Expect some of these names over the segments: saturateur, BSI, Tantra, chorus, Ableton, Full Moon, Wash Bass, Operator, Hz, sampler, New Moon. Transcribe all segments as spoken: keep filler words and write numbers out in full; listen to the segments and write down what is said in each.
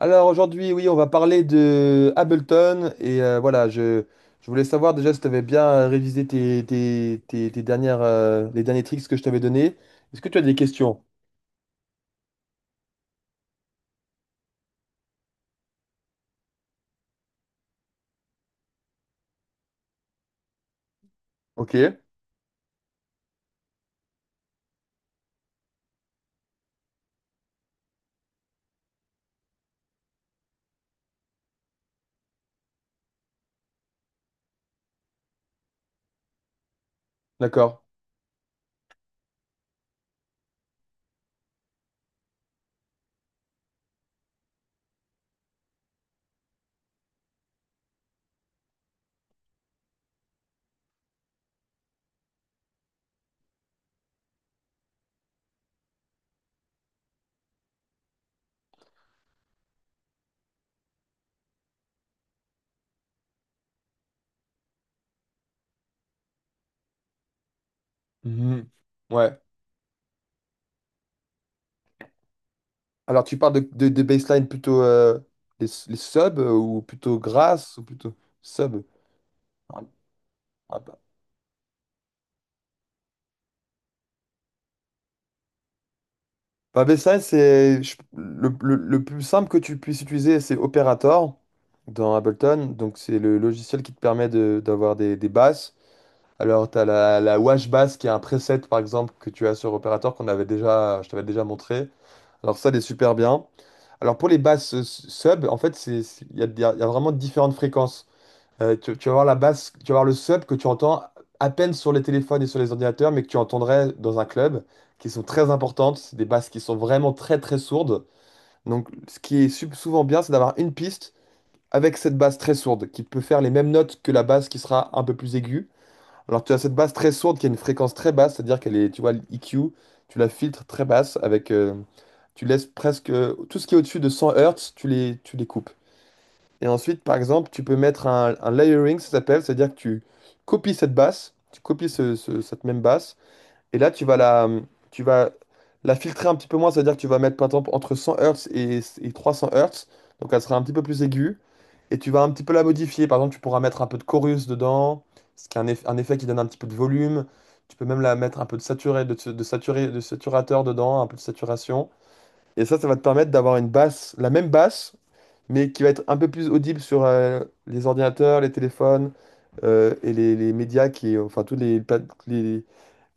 Alors aujourd'hui, oui, on va parler de Ableton et euh, voilà, je, je voulais savoir déjà si tu avais bien euh, révisé tes, tes- tes- tes dernières, euh, les derniers tricks que je t'avais donnés. Est-ce que tu as des questions? Ok, d'accord. Mhm. Ouais. Alors tu parles de, de, de baseline plutôt euh, les, les subs euh, ou plutôt grasses ou plutôt sub? Bah, B S I, c'est je- le, le- le plus simple que tu puisses utiliser, c'est Operator dans Ableton. Donc, c'est le logiciel qui te permet de- d'avoir des, des basses. Alors, tu as la, la Wash Bass qui est un preset, par exemple, que tu as sur Operator qu'on avait déjà, je t'avais déjà montré. Alors, ça, elle est super bien. Alors, pour les basses euh, s- sub, en fait, c'est, c'est- il y a, il y a vraiment différentes fréquences. Euh, tu, tu vas voir la basse, tu vas voir le sub que tu entends à peine sur les téléphones et sur les ordinateurs, mais que tu entendrais dans un club, qui sont très importantes. C'est des basses qui sont vraiment très très sourdes. Donc, ce qui est sub- souvent bien, c'est d'avoir une piste avec cette basse très sourde, qui peut faire les mêmes notes que la basse qui sera un peu plus aiguë. Alors, tu as cette basse très sourde qui a une fréquence très basse, c'est-à-dire qu'elle est, tu vois, l'E Q, tu la filtres très basse avec, euh, tu laisses presque euh, tout ce qui est au-dessus de cent Hz, tu les, tu les coupes. Et ensuite, par exemple, tu peux mettre un, un layering, ça s'appelle, c'est-à-dire que tu copies cette basse, tu copies ce- ce- cette même basse, et là, tu vas la, tu vas la filtrer un petit peu moins, c'est-à-dire que tu vas mettre, par exemple, entre cent Hz et, et trois cents Hz, donc elle sera un petit peu plus aiguë, et tu vas un petit peu la modifier. Par exemple, tu pourras mettre un peu de chorus dedans, ce qui est un, eff- un effet qui donne un petit peu de volume. Tu peux même la mettre un peu de saturé, de, de saturé, de saturateur dedans, un peu de saturation. Et ça, ça va te permettre d'avoir une basse, la même basse, mais qui va être un peu plus audible sur euh, les ordinateurs, les téléphones euh, et les, les médias qui, enfin tous les, pla- les,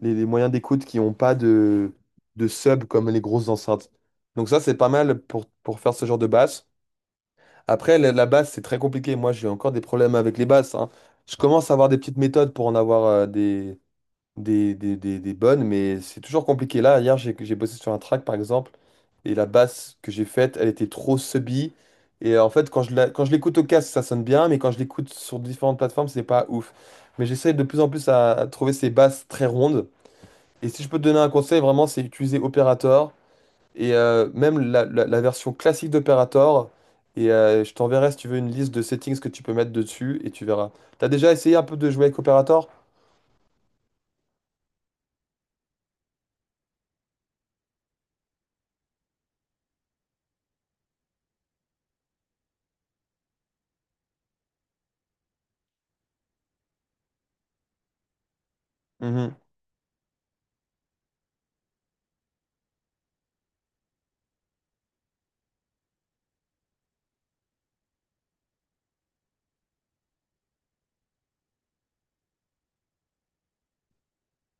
les- les moyens d'écoute qui n'ont pas de, de sub comme les grosses enceintes. Donc ça, c'est pas mal pour, pour faire ce genre de basse. Après, la, la basse, c'est très compliqué. Moi, j'ai encore des problèmes avec les basses, hein. Je commence à avoir des petites méthodes pour en avoir euh, des, des, des, des, des bonnes, mais c'est toujours compliqué. Là, hier, j'ai j'ai bossé sur un track, par exemple, et la basse que j'ai faite, elle était trop subie. Et en fait, quand je la- quand je l'écoute au casque, ça sonne bien, mais quand je l'écoute sur différentes plateformes, c'est pas ouf. Mais j'essaie de plus en plus à, à trouver ces basses très rondes. Et si je peux te donner un conseil, vraiment, c'est utiliser Operator, et euh, même la, la- la version classique d'Operator. Et euh, je t'enverrai, si tu veux, une liste de settings que tu peux mettre dessus, et tu verras. T'as déjà essayé un peu de jouer avec Operator? Mhm.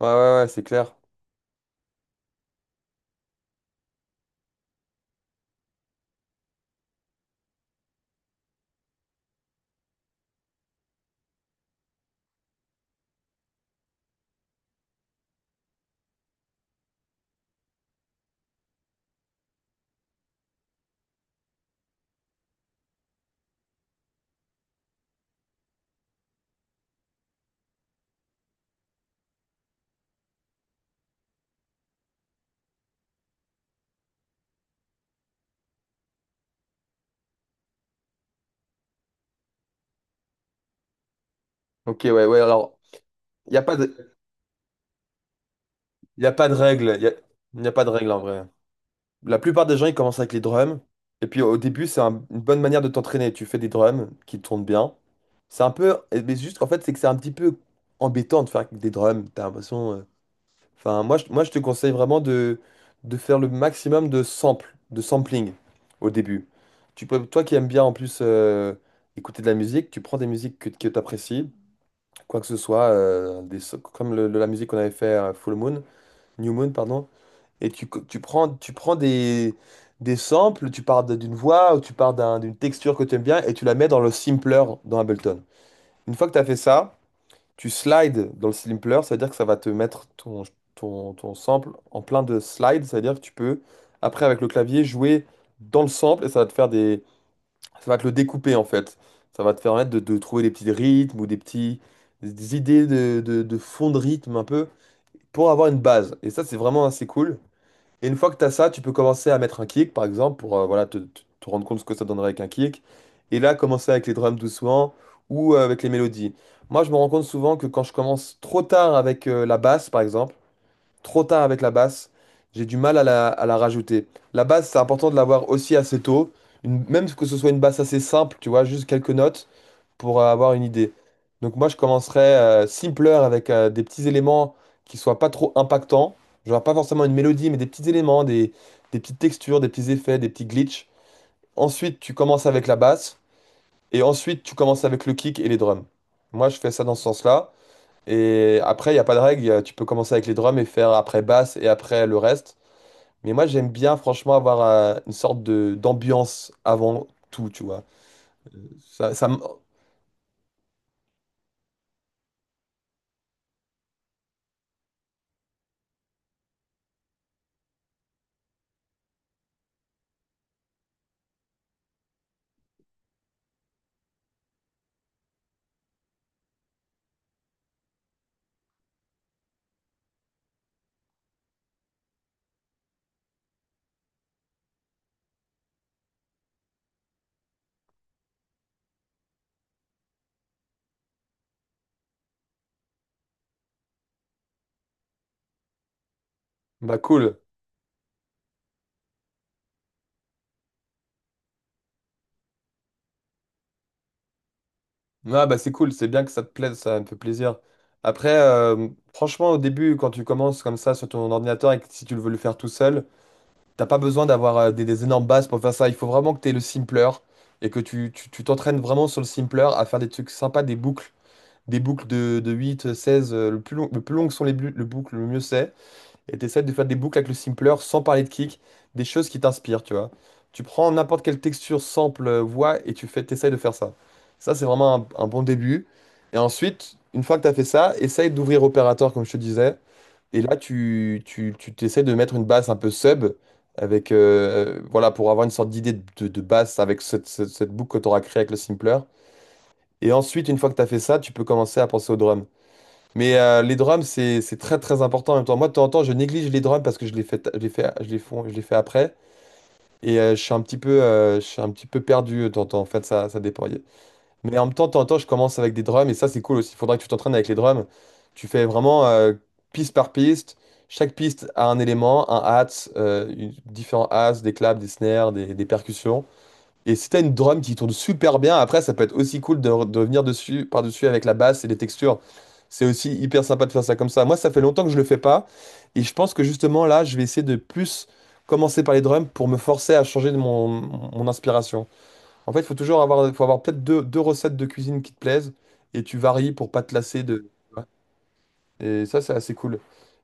Ouais, ouais, ouais, c'est clair. Ok, ouais, ouais, alors, il n'y a pas de, y a pas de règle, il n'y a, y a pas de règle en vrai. La plupart des gens, ils commencent avec les drums, et puis au début, c'est un- une bonne manière de t'entraîner. Tu fais des drums qui tournent bien. C'est un peu, eh, mais juste, en fait, c'est que c'est un petit peu embêtant de faire avec des drums, t'as l'impression... euh, Enfin, moi, je, moi, je te conseille vraiment de, de faire le maximum de samples, de sampling au début. Tu peux, toi qui aimes bien, en plus, euh, écouter de la musique, tu prends des musiques que, que tu apprécies, quoi que ce soit, euh, des, so- comme le- le- la musique qu'on avait fait euh, Full Moon, New Moon, pardon, et tu, co- tu prends, tu prends des, des samples, tu pars de- d'une voix ou tu pars d'un- d'une texture que tu aimes bien et tu la mets dans le sampler dans Ableton. Une fois que tu as fait ça, tu slides dans le sampler, c'est-à-dire que ça va te mettre ton, ton, ton sample en plein de slides, c'est-à-dire que tu peux, après avec le clavier, jouer dans le sample et ça va te faire ça va te le découper en fait. Ça va te permettre de, de trouver des petits rythmes ou des petits des idées de, de, de fond de rythme un peu pour avoir une base. Et ça, c'est vraiment assez cool. Et une fois que tu as ça, tu peux commencer à mettre un kick par exemple pour euh, voilà, te, te- te rendre compte ce que ça donnerait avec un kick. Et là, commencer avec les drums doucement ou euh, avec les mélodies. Moi, je me rends compte souvent que quand je commence trop tard avec euh, la basse par exemple, trop tard avec la basse. J'ai du mal à la, à la rajouter. La basse, c'est important de l'avoir aussi assez tôt. Une- même que ce soit une basse assez simple, tu vois, juste quelques notes pour euh, avoir une idée. Donc moi, je commencerais euh, simpler avec euh, des petits éléments qui soient pas trop impactants. Genre pas forcément une mélodie, mais des petits éléments, des, des petites textures, des petits effets, des petits glitches. Ensuite, tu commences avec la basse. Et ensuite, tu commences avec le kick et les drums. Moi, je fais ça dans ce sens-là. Et après, il n'y a pas de règle. Tu peux commencer avec les drums et faire après basse et après le reste. Mais moi, j'aime bien, franchement, avoir euh, une sorte de d'ambiance avant tout, tu vois. Ça, ça me- Bah, cool. Ah, bah, c'est cool. C'est bien que ça te plaise. Ça me fait plaisir. Après, euh, franchement, au début, quand tu commences comme ça sur ton ordinateur et que si tu le veux le faire tout seul, t'as pas besoin d'avoir euh, des, des énormes basses pour faire ça. Il faut vraiment que tu aies le simpler et que tu tu- tu t'entraînes vraiment sur le simpler à faire des trucs sympas, des boucles. Des boucles de, de huit seize euh, le plus long, le plus long que sont les, bu- le boucles, le mieux c'est. Et t'essaies de faire des boucles avec le simpler sans parler de kick, des choses qui t'inspirent, tu vois. Tu prends n'importe quelle texture, sample, euh, voix, et tu fais, t'essayes de faire ça. Ça, c'est vraiment un, un bon début. Et ensuite, une fois que t'as fait ça, essaye d'ouvrir opérateur, comme je te disais. Et là, tu, tu, tu t'essayes de mettre une basse un peu sub, avec, euh, euh, voilà, pour avoir une sorte d'idée de, de- de basse avec cette, cette, cette boucle que tu auras créée avec le simpler. Et ensuite, une fois que tu as fait ça, tu peux commencer à penser au drum. Mais euh, les drums, c'est c'est très très important en même temps. Moi, de temps en temps, je néglige les drums parce que je les fais, je les fais, je les font- je les fais après. Et euh, je suis un petit peu, euh, je suis un petit peu perdu de temps en temps. En fait, ça, ça dépend. Mais en même temps, de temps en temps, je commence avec des drums et ça, c'est cool aussi. Il faudra que tu t'entraînes avec les drums. Tu fais vraiment euh, piste par piste. Chaque piste a un élément, un hats, euh, une- différents hats, des claps, des snares, des, des percussions. Et si t'as une drum qui tourne super bien, après, ça peut être aussi cool de, de venir dessus, par-dessus avec la basse et les textures. C'est aussi hyper sympa de faire ça comme ça. Moi, ça fait longtemps que je le fais pas. Et je pense que justement, là, je vais essayer de plus commencer par les drums pour me forcer à changer de mon, mon inspiration. En fait, il faut toujours avoir, faut avoir peut-être deux, deux recettes de cuisine qui te plaisent et tu varies pour pas te lasser de. Tu Et ça, c'est assez cool.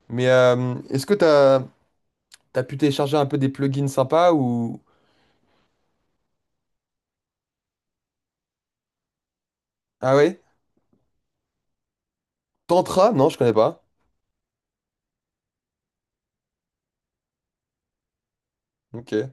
Mais euh, est-ce que t'as, t'as pu télécharger un peu des plugins sympas ou. Ah ouais? Tantra? Non, je connais pas. Ok.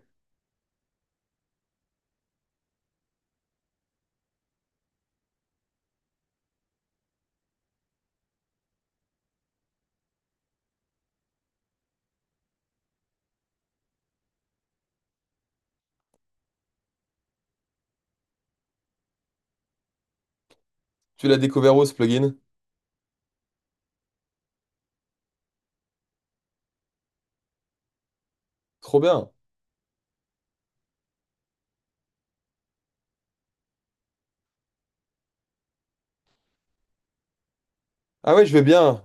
Tu l'as découvert où ce plugin? Trop bien. Ah ouais, je vais bien.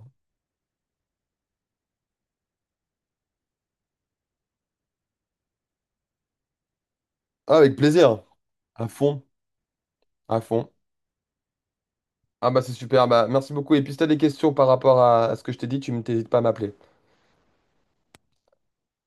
Ah, avec plaisir. À fond, à fond. Ah bah c'est super. Bah, merci beaucoup. Et puis si t'as des questions par rapport à, à ce que je t'ai dit, tu ne t'hésites pas à m'appeler.